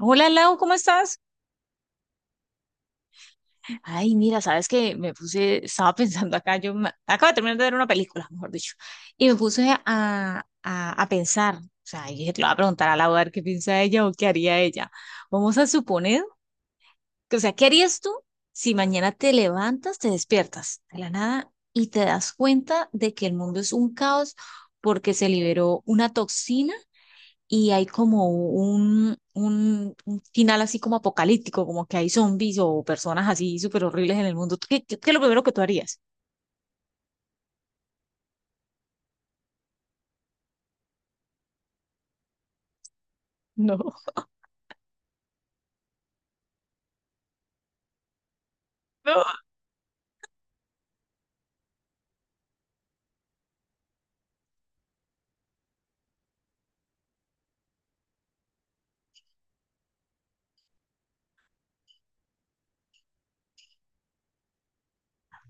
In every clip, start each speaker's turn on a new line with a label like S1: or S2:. S1: Hola Lau, ¿cómo estás? Ay, mira, sabes que me puse, estaba pensando acá, acabo de terminar de ver una película, mejor dicho, y me puse a pensar, o sea, y dije, te lo voy a preguntar a Lau a ver qué piensa ella o qué haría ella. Vamos a suponer que, o sea, ¿qué harías tú si mañana te levantas, te despiertas de la nada y te das cuenta de que el mundo es un caos porque se liberó una toxina? Y hay como un final así como apocalíptico, como que hay zombies o personas así súper horribles en el mundo, ¿qué es lo primero que tú harías? No. No.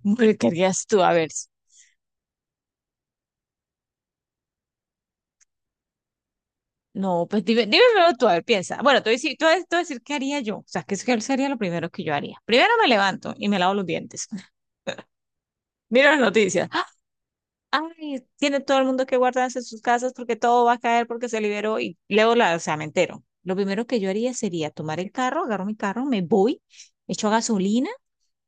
S1: Hombre, ¿qué harías tú? A ver, no, pues dime, primero tú, a ver, piensa. Bueno, te voy a decir, te voy a decir qué haría yo, o sea, qué sería lo primero que yo haría. Primero me levanto y me lavo los dientes, miro las noticias. Ay, tiene todo el mundo que guardarse en sus casas porque todo va a caer porque se liberó y luego la, o sea, me entero. Lo primero que yo haría sería tomar el carro, agarro mi carro, me voy, echo gasolina,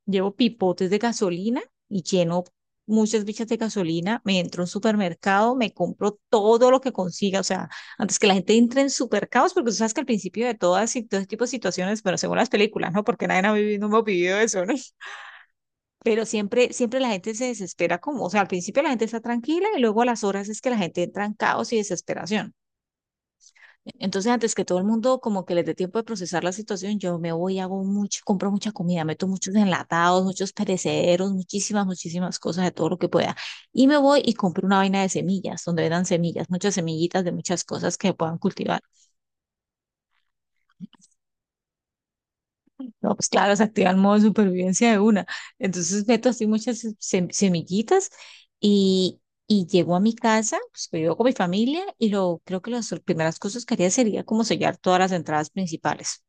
S1: llevo pipotes de gasolina y lleno muchas bichas de gasolina, me entro a un supermercado, me compro todo lo que consiga, o sea, antes que la gente entre en supercaos, porque tú sabes que al principio de todas y todo este tipo de situaciones, pero según las películas, ¿no? Porque nadie ha vivido, no hemos vivido eso, ¿no? Pero siempre, siempre la gente se desespera como, o sea, al principio la gente está tranquila y luego a las horas es que la gente entra en caos y desesperación. Entonces, antes que todo el mundo como que les dé tiempo de procesar la situación, yo me voy, hago mucho, compro mucha comida, meto muchos enlatados, muchos perecederos, muchísimas, muchísimas cosas de todo lo que pueda. Y me voy y compro una vaina de semillas, donde vendan semillas, muchas semillitas de muchas cosas que puedan cultivar. No, pues claro, se activa el modo de supervivencia de una. Entonces meto así muchas semillitas y, y llego a mi casa, pues vivo con mi familia y lo creo que las primeras cosas que haría sería como sellar todas las entradas principales.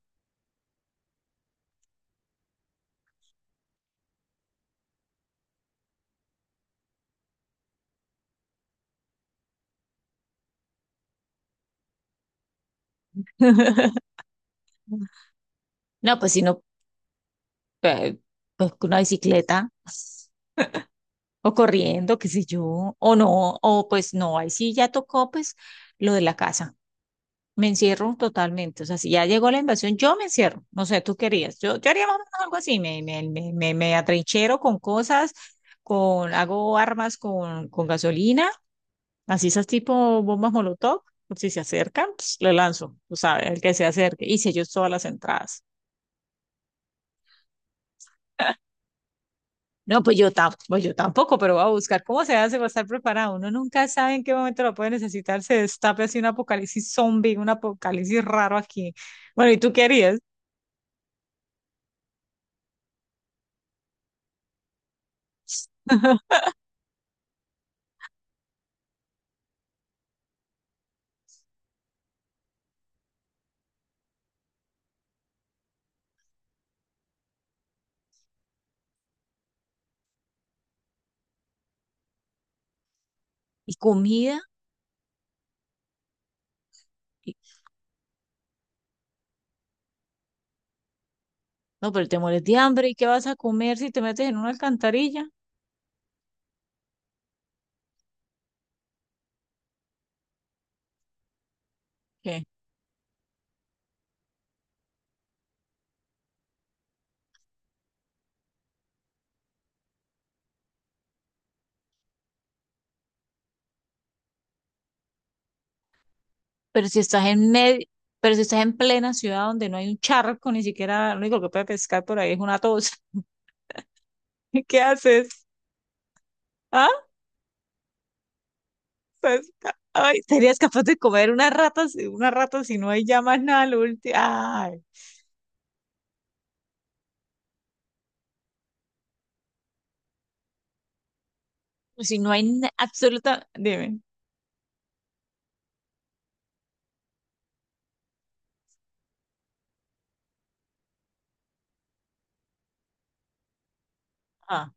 S1: No, pues si no, eh, pues con una bicicleta o corriendo, qué sé yo, o no, o pues no, ahí sí ya tocó pues lo de la casa. Me encierro totalmente. O sea, si ya llegó la invasión, yo me encierro. No sé, tú querías. Yo haría más o menos algo así. Me atrinchero con cosas, hago armas con gasolina, así esas tipo bombas Molotov. Por si se acercan, pues, le lanzo, tú sabes, el que se acerque. Hice yo todas las entradas. No, pues yo, pues yo tampoco, pero voy a buscar cómo se hace para estar preparado. Uno nunca sabe en qué momento lo puede necesitar. Se destape así un apocalipsis zombie, un apocalipsis raro aquí. Bueno, ¿y tú qué harías? ¿Y comida? Y- No, pero te mueres de hambre y qué vas a comer si te metes en una alcantarilla. ¿Qué? Pero si estás en medio, pero si estás en plena ciudad donde no hay un charco, ni siquiera lo único que puede pescar por ahí es una tos. ¿Qué haces? ¿Ah? Pues, ay, ¿serías capaz de comer una rata, una rata si no hay ya más nada lo último? Ay, si no hay absoluta, dime. Ah,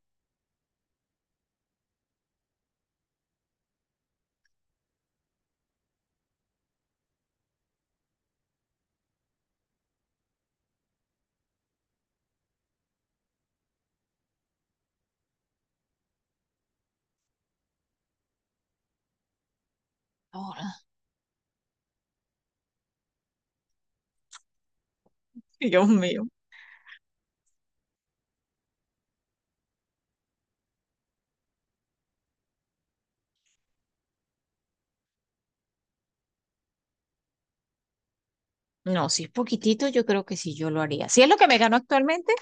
S1: ahora, Dios mío. No, si es poquitito, yo creo que sí, yo lo haría. Si es lo que me gano actualmente.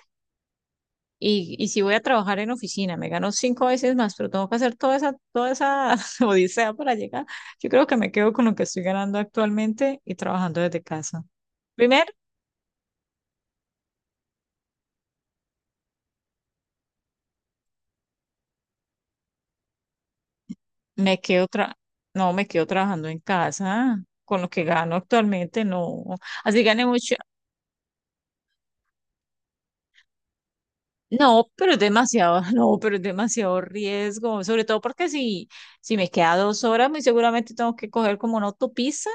S1: Y si voy a trabajar en oficina, me gano cinco veces más, pero tengo que hacer toda esa odisea para llegar. Yo creo que me quedo con lo que estoy ganando actualmente y trabajando desde casa. Primero, me quedo tra- no, me quedo trabajando en casa con lo que gano actualmente, no. Así gane mucho. No, pero es demasiado, no, pero es demasiado riesgo, sobre todo porque si me queda dos horas, muy seguramente tengo que coger como una autopista.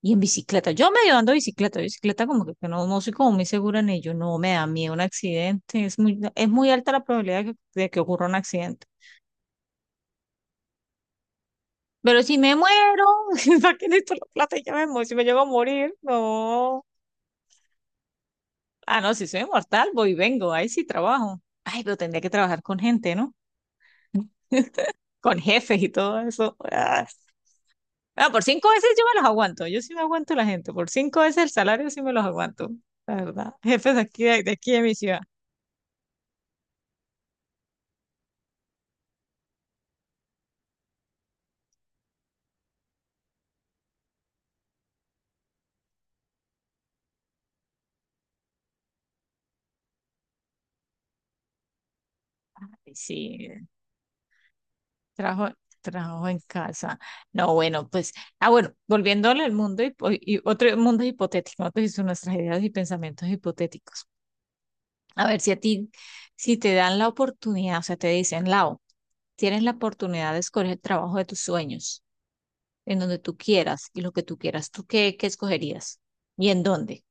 S1: Y en bicicleta, yo medio ando bicicleta, como que no, no soy como muy segura en ello, no me da miedo un accidente, es muy alta la probabilidad de de que ocurra un accidente. Pero si me muero, ¿para qué necesito la plata? Y ya me muero, si me llego a morir, no. Ah, no, si soy inmortal voy y vengo, ahí sí trabajo. Ay, pero tendría que trabajar con gente, ¿no? Con jefes y todo eso. Ah, por cinco veces yo me los aguanto, yo sí me aguanto la gente, por cinco veces el salario sí me los aguanto, la verdad. Jefes de aquí, de mi ciudad. Ay, sí. Trabajo, trabajo en casa. No, bueno, pues, bueno, volviéndole al mundo hipo- y otro mundo hipotético, nosotros son nuestras ideas y pensamientos hipotéticos. A ver si a ti, si te dan la oportunidad, o sea, te dicen, Lau, tienes la oportunidad de escoger el trabajo de tus sueños, en donde tú quieras y lo que tú quieras, ¿tú qué escogerías? ¿Y en dónde?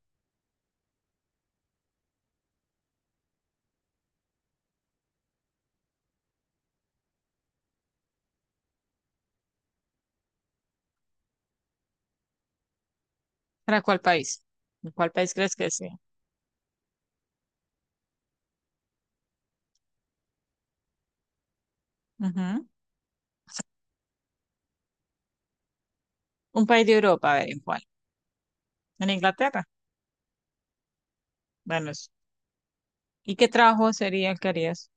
S1: ¿Para cuál país? ¿En cuál país crees que sea? Ujú. Un país de Europa, a ver, ¿en cuál? ¿En Inglaterra? Bueno, ¿y qué trabajo sería el que harías?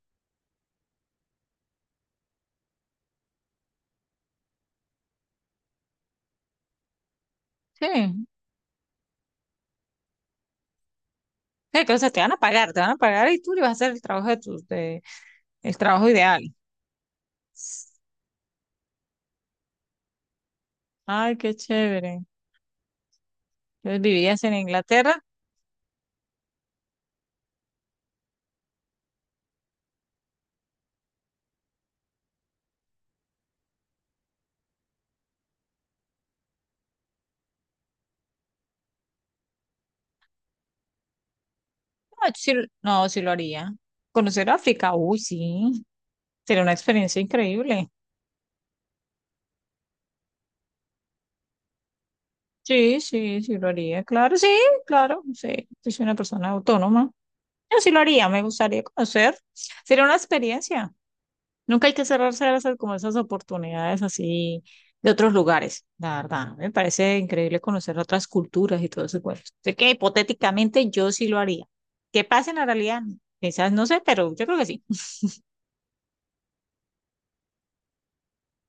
S1: Sí. Que, o sea, te van a pagar y tú le vas a hacer el trabajo el trabajo ideal. Ay, qué chévere. Entonces, ¿vivías en Inglaterra? No, sí, no, sí lo haría. Conocer África, uy, sí. Sería una experiencia increíble. Sí, sí, sí lo haría. Claro, sí, claro, sí. Yo soy una persona autónoma. Yo sí lo haría, me gustaría conocer. Sería una experiencia. Nunca hay que cerrarse como esas oportunidades así de otros lugares, la verdad. Me parece increíble conocer otras culturas y todo ese cuento. Sé que hipotéticamente yo sí lo haría. Qué pasa en la realidad, quizás no sé, pero yo creo que sí.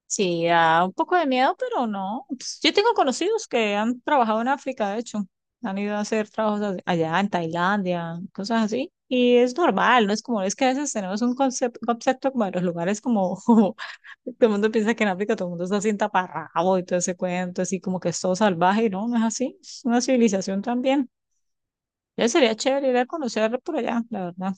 S1: Sí, da un poco de miedo, pero no. Pues, yo tengo conocidos que han trabajado en África, de hecho. Han ido a hacer trabajos allá en Tailandia, cosas así. Y es normal, ¿no? Es como, es que a veces tenemos un concepto como de los lugares como, como todo el mundo piensa que en África todo el mundo está así en taparrabo y todo ese cuento, así como que es todo salvaje, y no, no es así. Es una civilización también. Ya sería chévere ir a conocer por allá, la verdad.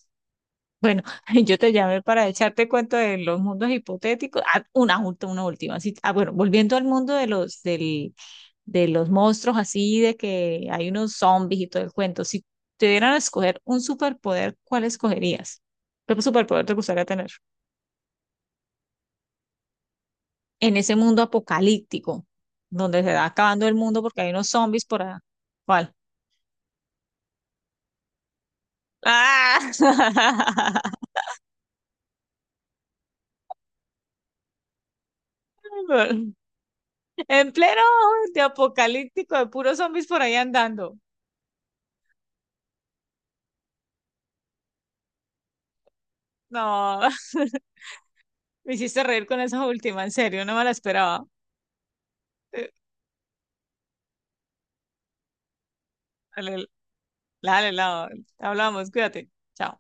S1: Bueno, yo te llamé para echarte cuento de los mundos hipotéticos. Ah, una última, una última. Así, bueno, volviendo al mundo de de los monstruos, así de que hay unos zombies y todo el cuento. Si te dieran a escoger un superpoder, ¿cuál escogerías? ¿Qué superpoder te gustaría tener? En ese mundo apocalíptico, donde se va acabando el mundo porque hay unos zombies por allá. ¿Cuál? ¡Ah! En pleno de apocalíptico, de puros zombies por ahí andando. No. Me hiciste reír con esa última, en serio, no me la esperaba. Eh, Dale, dale, dale, no, hablamos, cuídate. Chao.